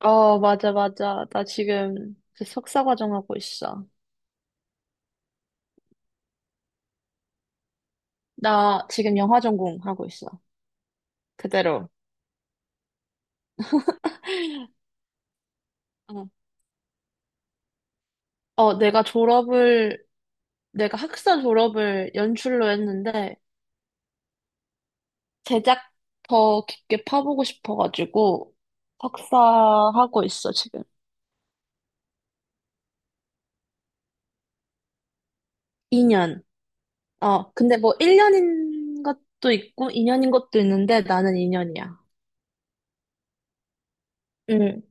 맞아, 맞아. 나 지금 그 석사 과정 하고 있어. 나 지금 영화 전공 하고 있어. 그대로. 어, 내가 내가 학사 졸업을 연출로 했는데, 제작 더 깊게 파보고 싶어가지고, 석사 하고 있어, 지금. 2년. 근데 뭐 1년인 것도 있고, 2년인 것도 있는데, 나는 2년이야. 응.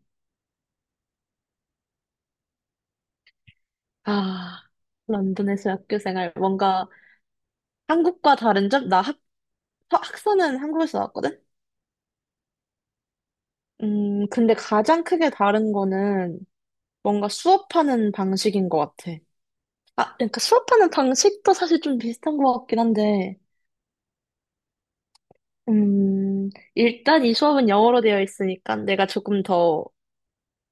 아, 런던에서 학교 생활. 뭔가 한국과 다른 점? 나 학사는 한국에서 나왔거든? 근데 가장 크게 다른 거는 뭔가 수업하는 방식인 것 같아. 아, 그러니까 수업하는 방식도 사실 좀 비슷한 것 같긴 한데, 음, 일단 이 수업은 영어로 되어 있으니까 내가 조금 더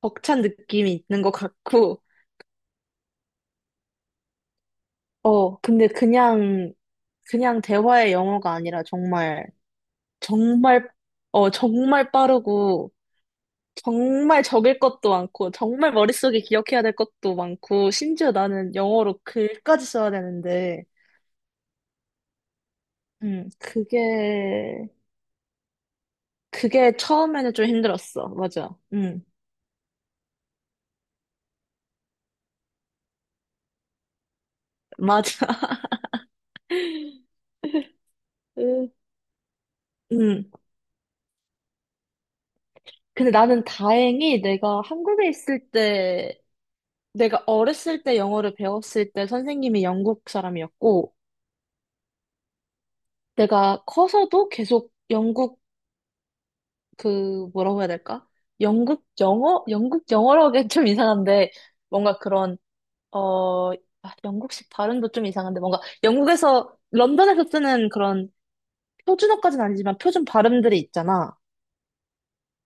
벅찬 느낌이 있는 것 같고, 근데 그냥 대화의 영어가 아니라 정말, 정말, 정말 빠르고, 정말 적을 것도 많고, 정말 머릿속에 기억해야 될 것도 많고, 심지어 나는 영어로 글까지 써야 되는데, 음, 그게, 그게 처음에는 좀 힘들었어. 맞아. 맞아. 음, 음. 근데 나는 다행히 내가 한국에 있을 때, 내가 어렸을 때 영어를 배웠을 때 선생님이 영국 사람이었고, 내가 커서도 계속 영국, 그, 뭐라고 해야 될까? 영국 영어? 영국 영어라고 하기엔 좀 이상한데, 뭔가 그런 어, 아, 영국식 발음도 좀 이상한데 뭔가 영국에서 런던에서 쓰는 그런 표준어까지는 아니지만 표준 발음들이 있잖아.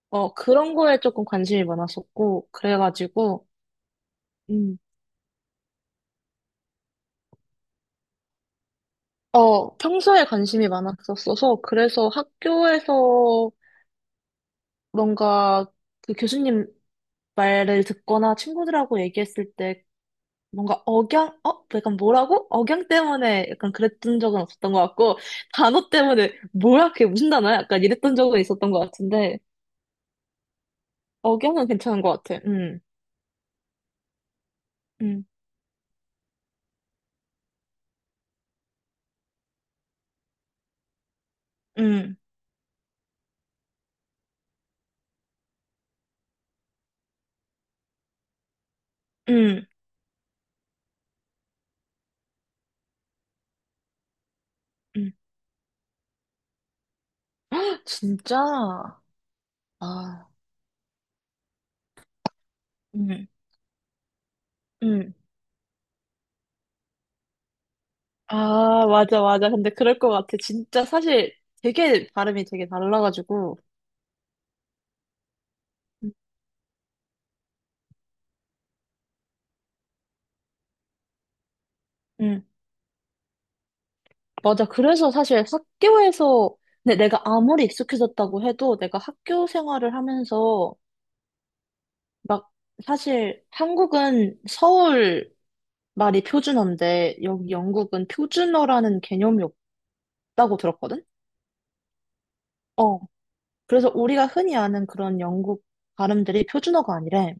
어, 그런 거에 조금 관심이 많았었고 그래가지고 음. 어, 평소에 관심이 많았었어서 그래서 학교에서 뭔가 그 교수님 말을 듣거나 친구들하고 얘기했을 때 뭔가 억양, 어? 약간 뭐라고? 억양 때문에 약간 그랬던 적은 없었던 것 같고, 단어 때문에 뭐야, 그게 무슨 단어야? 약간 이랬던 적은 있었던 것 같은데, 억양은 괜찮은 것 같아. 응, 응, 응, 응, 응. 진짜? 아, 응, 응. 아, 맞아, 맞아. 근데 그럴 것 같아. 진짜 사실 되게 발음이 되게 달라가지고. 응, 응. 맞아. 그래서 사실 학교에서, 근데 내가 아무리 익숙해졌다고 해도 내가 학교 생활을 하면서 막, 사실 한국은 서울 말이 표준어인데, 여기 영국은 표준어라는 개념이 없다고 들었거든? 어. 그래서 우리가 흔히 아는 그런 영국 발음들이 표준어가 아니래.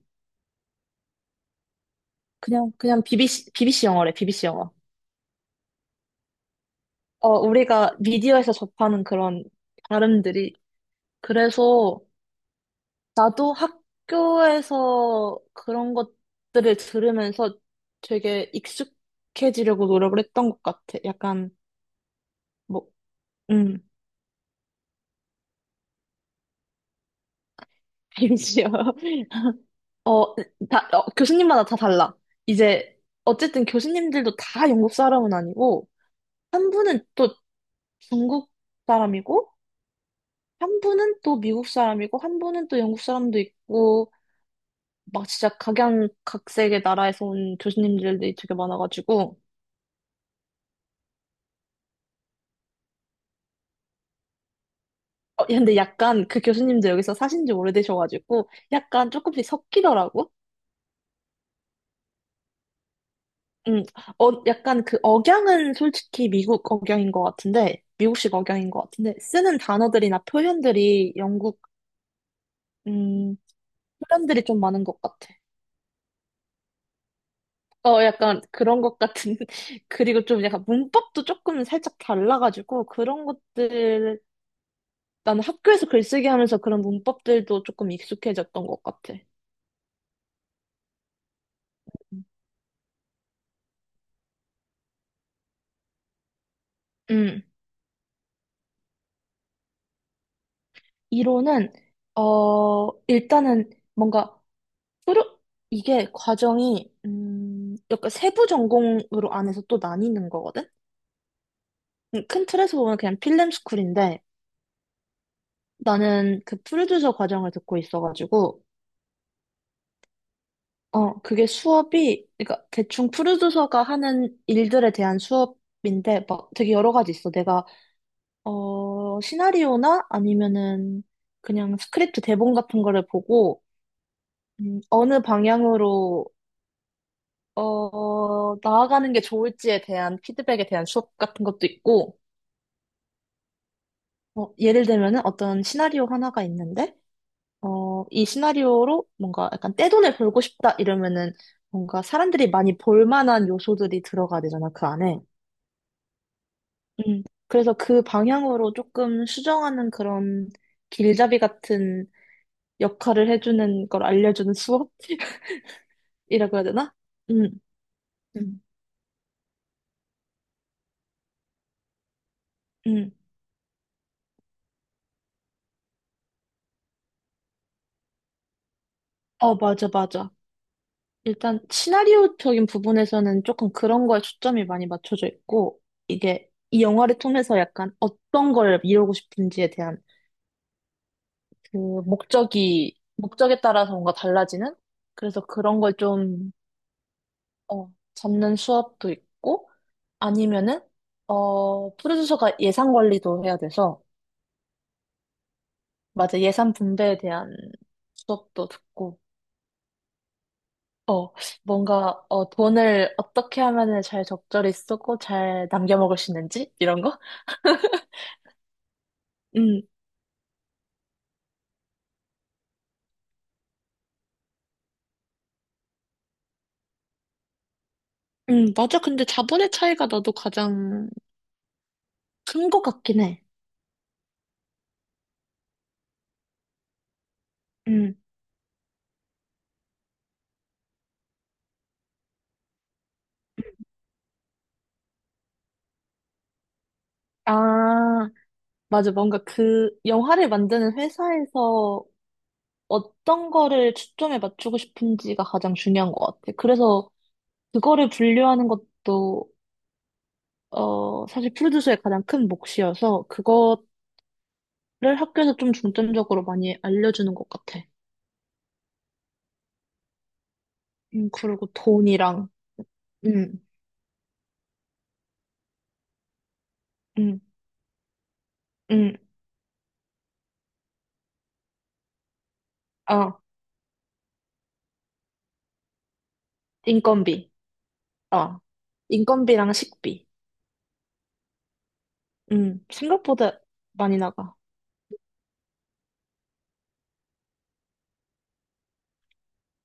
그냥 BBC 영어래, BBC 영어. 어, 우리가 미디어에서 접하는 그런 발음들이. 그래서 나도 학교에서 그런 것들을 들으면서 되게 익숙해지려고 노력을 했던 것 같아. 약간, 뭐, 음. 알지요. 어, 교수님마다 다 달라. 이제, 어쨌든 교수님들도 다 영국 사람은 아니고, 한 분은 또 중국 사람이고, 한 분은 또 미국 사람이고, 한 분은 또 영국 사람도 있고, 막 진짜 각양각색의 나라에서 온 교수님들이 되게 많아가지고, 근데 약간 그 교수님들 여기서 사신 지 오래되셔가지고, 약간 조금씩 섞이더라고. 음, 약간 그 억양은 솔직히 미국 억양인 것 같은데, 미국식 억양인 것 같은데, 쓰는 단어들이나 표현들이 영국, 음, 표현들이 좀 많은 것 같아. 어, 약간 그런 것 같은, 그리고 좀 약간 문법도 조금 살짝 달라가지고, 그런 것들, 나는 학교에서 글쓰기 하면서 그런 문법들도 조금 익숙해졌던 것 같아. 음, 이론은, 어, 일단은 뭔가 뿌려- 이게 과정이 약간 세부 전공으로 안에서 또 나뉘는 거거든? 큰 틀에서 보면 그냥 필름 스쿨인데 나는 그 프로듀서 과정을 듣고 있어가지고 어 그게 수업이 그러니까 대충 프로듀서가 하는 일들에 대한 수업인데 막 되게 여러 가지 있어. 내가 어 시나리오나 아니면은 그냥 스크립트 대본 같은 거를 보고 어느 방향으로 어, 나아가는 게 좋을지에 대한 피드백에 대한 수업 같은 것도 있고, 어, 예를 들면은 어떤 시나리오 하나가 있는데, 어, 이 시나리오로 뭔가 약간 떼돈을 벌고 싶다 이러면은 뭔가 사람들이 많이 볼 만한 요소들이 들어가야 되잖아, 그 안에. 그래서 그 방향으로 조금 수정하는 그런 길잡이 같은 역할을 해주는 걸 알려주는 수업? 이라고 해야 되나? 음, 음, 음. 어, 맞아, 맞아. 일단 시나리오적인 부분에서는 조금 그런 거에 초점이 많이 맞춰져 있고, 이게 이 영화를 통해서 약간 어떤 걸 이루고 싶은지에 대한 그 목적에 따라서 뭔가 달라지는? 그래서 그런 걸 좀, 어, 잡는 수업도 있고, 아니면은, 어, 프로듀서가 예산 관리도 해야 돼서, 맞아, 예산 분배에 대한 수업도 듣고, 어, 어, 돈을 어떻게 하면은 잘 적절히 쓰고 잘 남겨 먹을 수 있는지? 이런 거? 음, 맞아. 근데 자본의 차이가 나도 가장 큰 것 같긴 해. 음, 아, 맞아. 뭔가 그 영화를 만드는 회사에서 어떤 거를 초점에 맞추고 싶은지가 가장 중요한 것 같아. 그래서 그거를 분류하는 것도, 어, 사실 프로듀서의 가장 큰 몫이어서 그거를 학교에서 좀 중점적으로 많이 알려주는 것 같아. 그리고 돈이랑, 음, 음, 음, 어, 인건비, 어, 인건비랑 식비, 생각보다 많이 나가.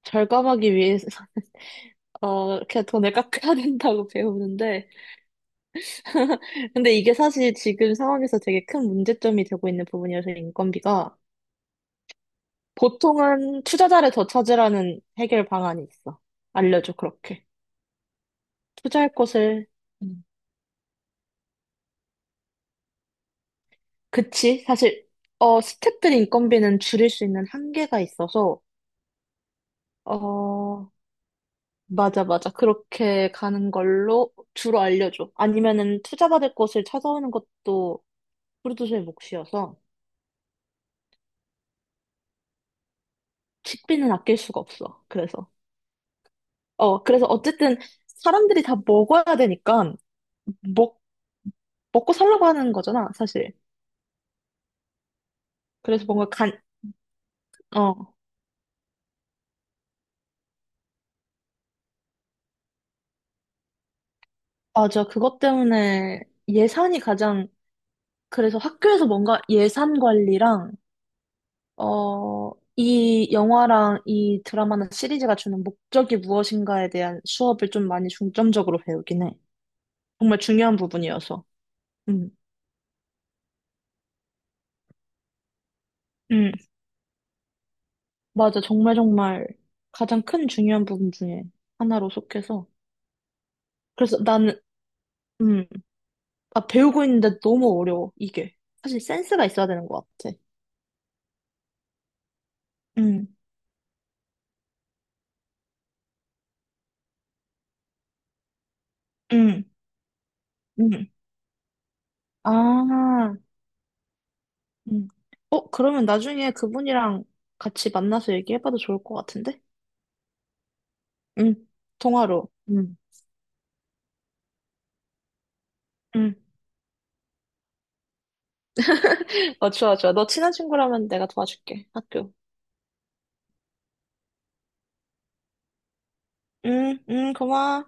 절감하기 위해서, 어, 이렇게 돈을 깎아야 된다고 배우는데, 근데 이게 사실 지금 상황에서 되게 큰 문제점이 되고 있는 부분이어서 인건비가, 보통은 투자자를 더 찾으라는 해결 방안이 있어. 알려줘, 그렇게. 투자할 곳을, 음. 그치? 사실, 어, 스태프들 인건비는 줄일 수 있는 한계가 있어서, 어, 맞아, 맞아. 그렇게 가는 걸로 주로 알려줘. 아니면은 투자받을 곳을 찾아오는 것도 프로듀서의 몫이어서 식비는 아낄 수가 없어. 그래서. 어, 그래서 어쨌든 사람들이 다 먹어야 되니까 먹, 먹고 살라고 하는 거잖아, 사실. 그래서 뭔가 간, 어, 맞아. 그것 때문에 예산이 가장, 그래서 학교에서 뭔가 예산 관리랑 어, 이 영화랑 이 드라마나 시리즈가 주는 목적이 무엇인가에 대한 수업을 좀 많이 중점적으로 배우긴 해. 정말 중요한 부분이어서. 음, 음, 맞아. 정말 정말 가장 큰 중요한 부분 중에 하나로 속해서. 그래서 나는, 음, 아, 배우고 있는데 너무 어려워, 이게. 사실 센스가 있어야 되는 것 같아. 음, 음, 음. 아, 음. 어, 그러면 나중에 그분이랑 같이 만나서 얘기해봐도 좋을 것 같은데? 응, 통화로. 음. 응. 어, 좋아, 좋아. 너 친한 친구라면 내가 도와줄게. 학교. 응, 응, 고마워.